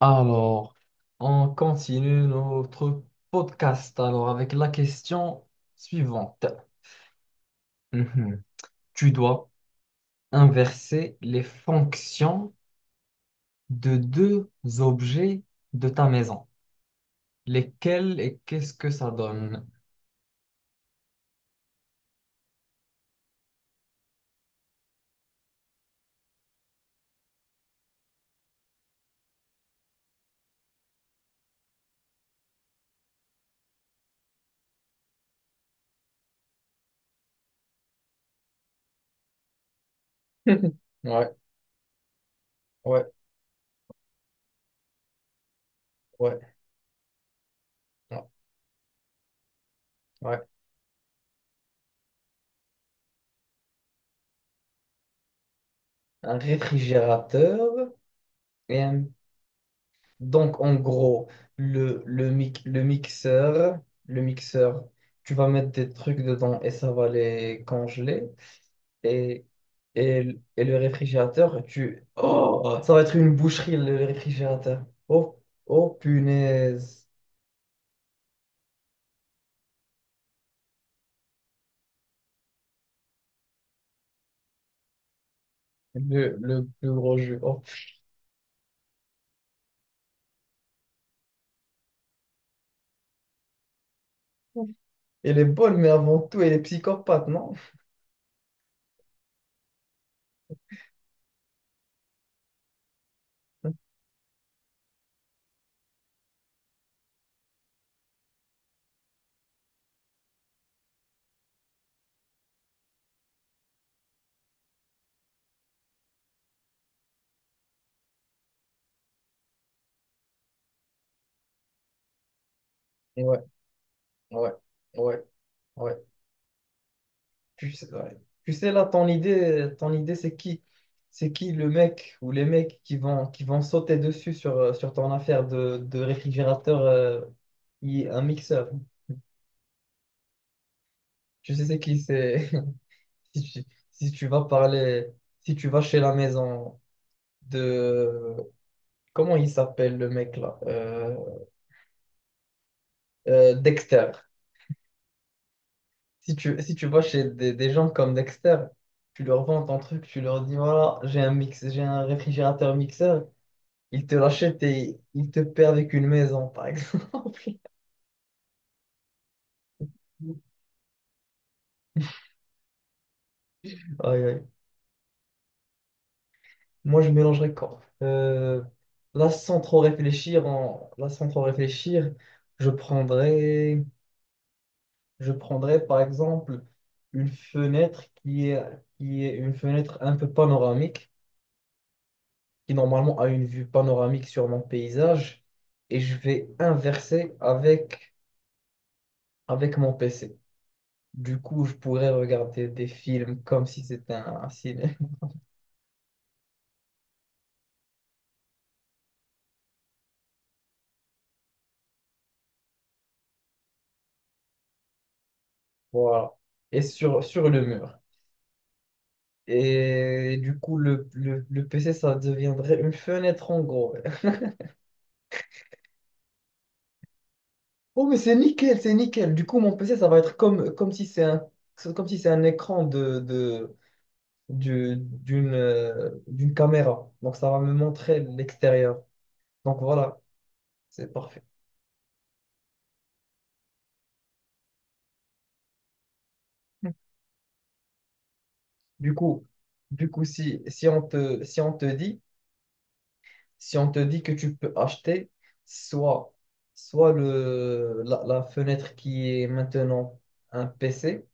Alors, on continue notre podcast. Alors, avec la question suivante. Mhm. Tu dois inverser les fonctions de deux objets de ta maison. Lesquels et qu'est-ce que ça donne? Ouais, ouais, ouais, ouais, ouais. Un réfrigérateur et un... Donc, en gros, le, le, mic- le mixeur, le mixeur, tu vas mettre des trucs dedans et ça va les congeler. Et, et le réfrigérateur, tu... Oh, ça va être une boucherie, le réfrigérateur. Oh, oh, punaise. Le plus gros jeu. Oh. Elle est bonne, mais avant tout, elle est psychopathe, non? Ouais, ouais, ouais, ouais. Tu sais, ouais. Tu sais, là, ton idée, c'est qui? C'est qui le mec ou les mecs qui vont sauter dessus sur, sur ton affaire de réfrigérateur, qui est un mixeur? Tu sais, c'est qui? C'est Si tu, si tu vas parler, si tu vas chez la maison de... Comment il s'appelle le mec là? Dexter. Si tu vas chez des gens comme Dexter, tu leur vends ton truc, tu leur dis voilà, j'ai un mix, j'ai un réfrigérateur mixeur, ils te l'achètent et ils te perdent avec une maison, par exemple. Aïe, aïe. Moi, je mélangerais quoi? Là, sans trop réfléchir, en... là, sans trop réfléchir, je prendrais... Je prendrais par exemple une fenêtre qui est une fenêtre un peu panoramique, qui normalement a une vue panoramique sur mon paysage, et je vais inverser avec mon PC. Du coup, je pourrais regarder des films comme si c'était un ciné. Voilà. Et sur le mur. Et du coup, le PC, ça deviendrait une fenêtre en gros. Oh, mais c'est nickel, c'est nickel. Du coup, mon PC, ça va être comme si c'est un, comme si c'est un écran d'une d'une caméra. Donc, ça va me montrer l'extérieur. Donc, voilà, c'est parfait. Du coup, du coup si on te dit, si on te dit que tu peux acheter soit, soit la fenêtre qui est maintenant un PC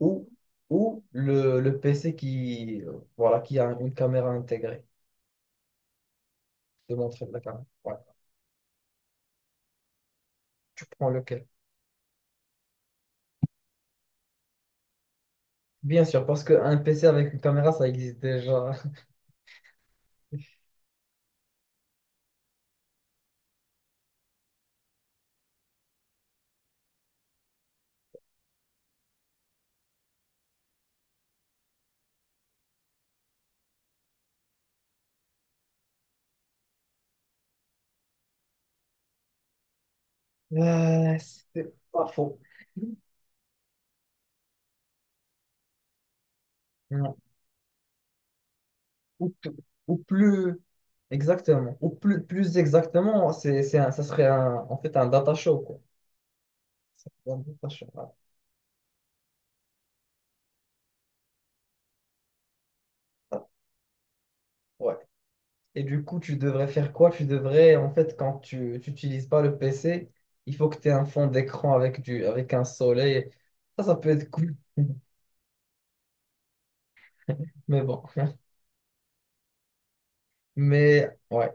ou, ou le PC qui, voilà, qui a une caméra intégrée. Je te montrer la caméra. Ouais. Tu prends lequel? Bien sûr, parce qu'un PC avec une caméra, ça existe déjà. Euh, c'est pas faux. Non. Ou, p- ou plus exactement. Plus exactement, c'est ça serait en fait un data show, quoi. Un data show, ah, ah, ouais. Et du coup, tu devrais faire quoi? Tu devrais, en fait, quand tu n'utilises pas le PC, il faut que tu aies un fond d'écran avec avec un soleil. Ça peut être cool. Mais bon. Mais ouais,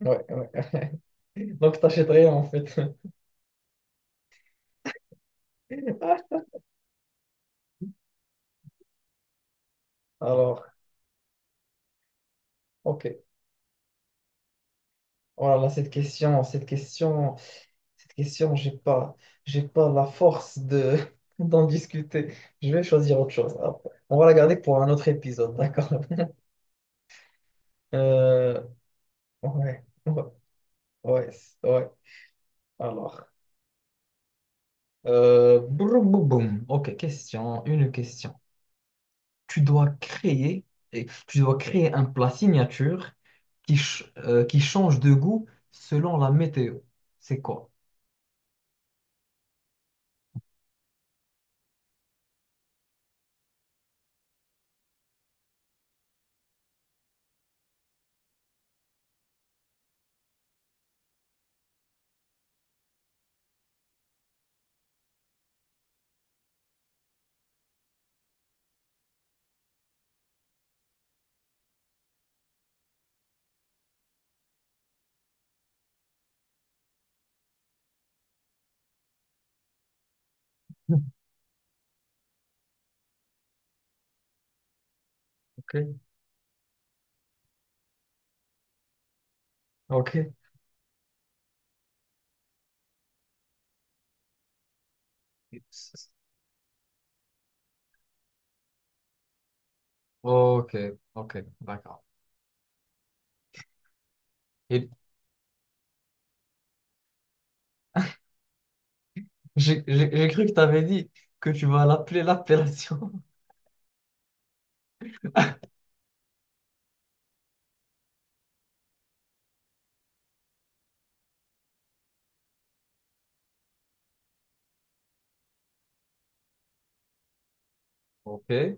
ouais, ouais. Donc, t'achèterais en fait. Alors, ok. Oh là là, cette question, j'ai pas la force de d'en discuter. Je vais choisir autre chose. Hop. On va la garder pour un autre épisode, d'accord? Euh, ouais, ouais, ouais, ouais. Alors, broum, boum, boum. Ok, une question. Tu dois créer, et tu dois créer un plat signature qui change de goût selon la météo. C'est quoi? Ok. Ok. Ok, ok, d'accord. Et j'ai j'ai cru que tu avais dit que tu vas l'appeler l'appellation. Ok.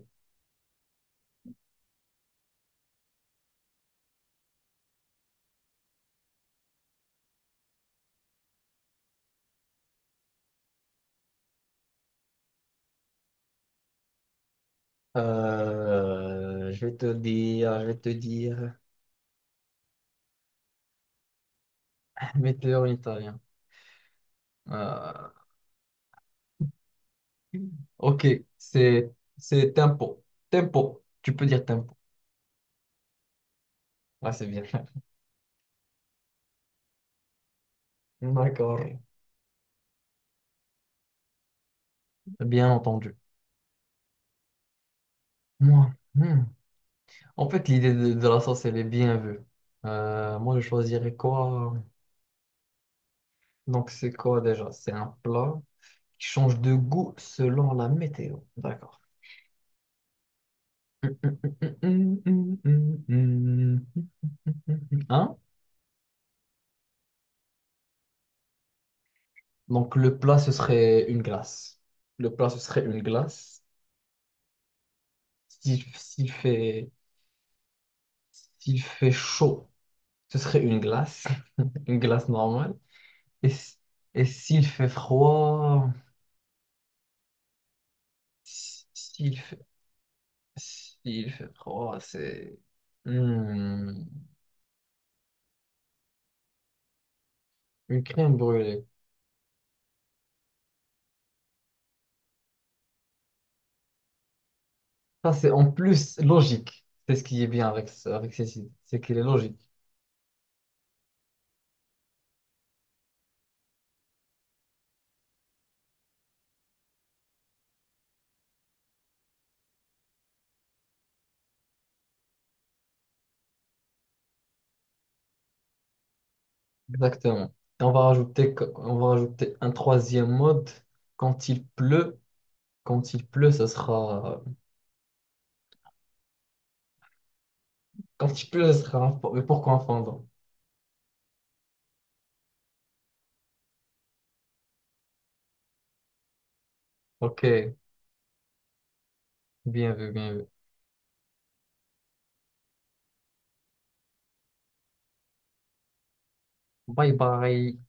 Je vais te dire, je vais te dire. Météo en italien. Euh, ok, c'est tempo. Tempo. Tu peux dire tempo. Là, c'est bien. D'accord. Bien entendu. Moi, hmm. En fait, l'idée de la sauce, elle est bien vue. Moi, je choisirais quoi? Donc, c'est quoi déjà? C'est un plat. Qui change de goût selon la météo. D'accord. Hein? Donc le plat, ce serait une glace. Le plat, ce serait une glace. S'il s'il fait, s'il fait chaud, ce serait une glace. Une glace normale. Et, s- et s'il fait froid, s- s'il fait, s'il fait froid, c'est hmm, une crème brûlée. Ça, c'est en plus logique. C'est ce qui est bien avec, avec ces sites. C'est qu'il est logique. Exactement. Et on va rajouter, on va rajouter un troisième mode. Quand il pleut, quand il pleut, ça sera. Quand il pleut, ça sera mais pourquoi un fondant? Ok. Bien vu, bien vu. Bye bye.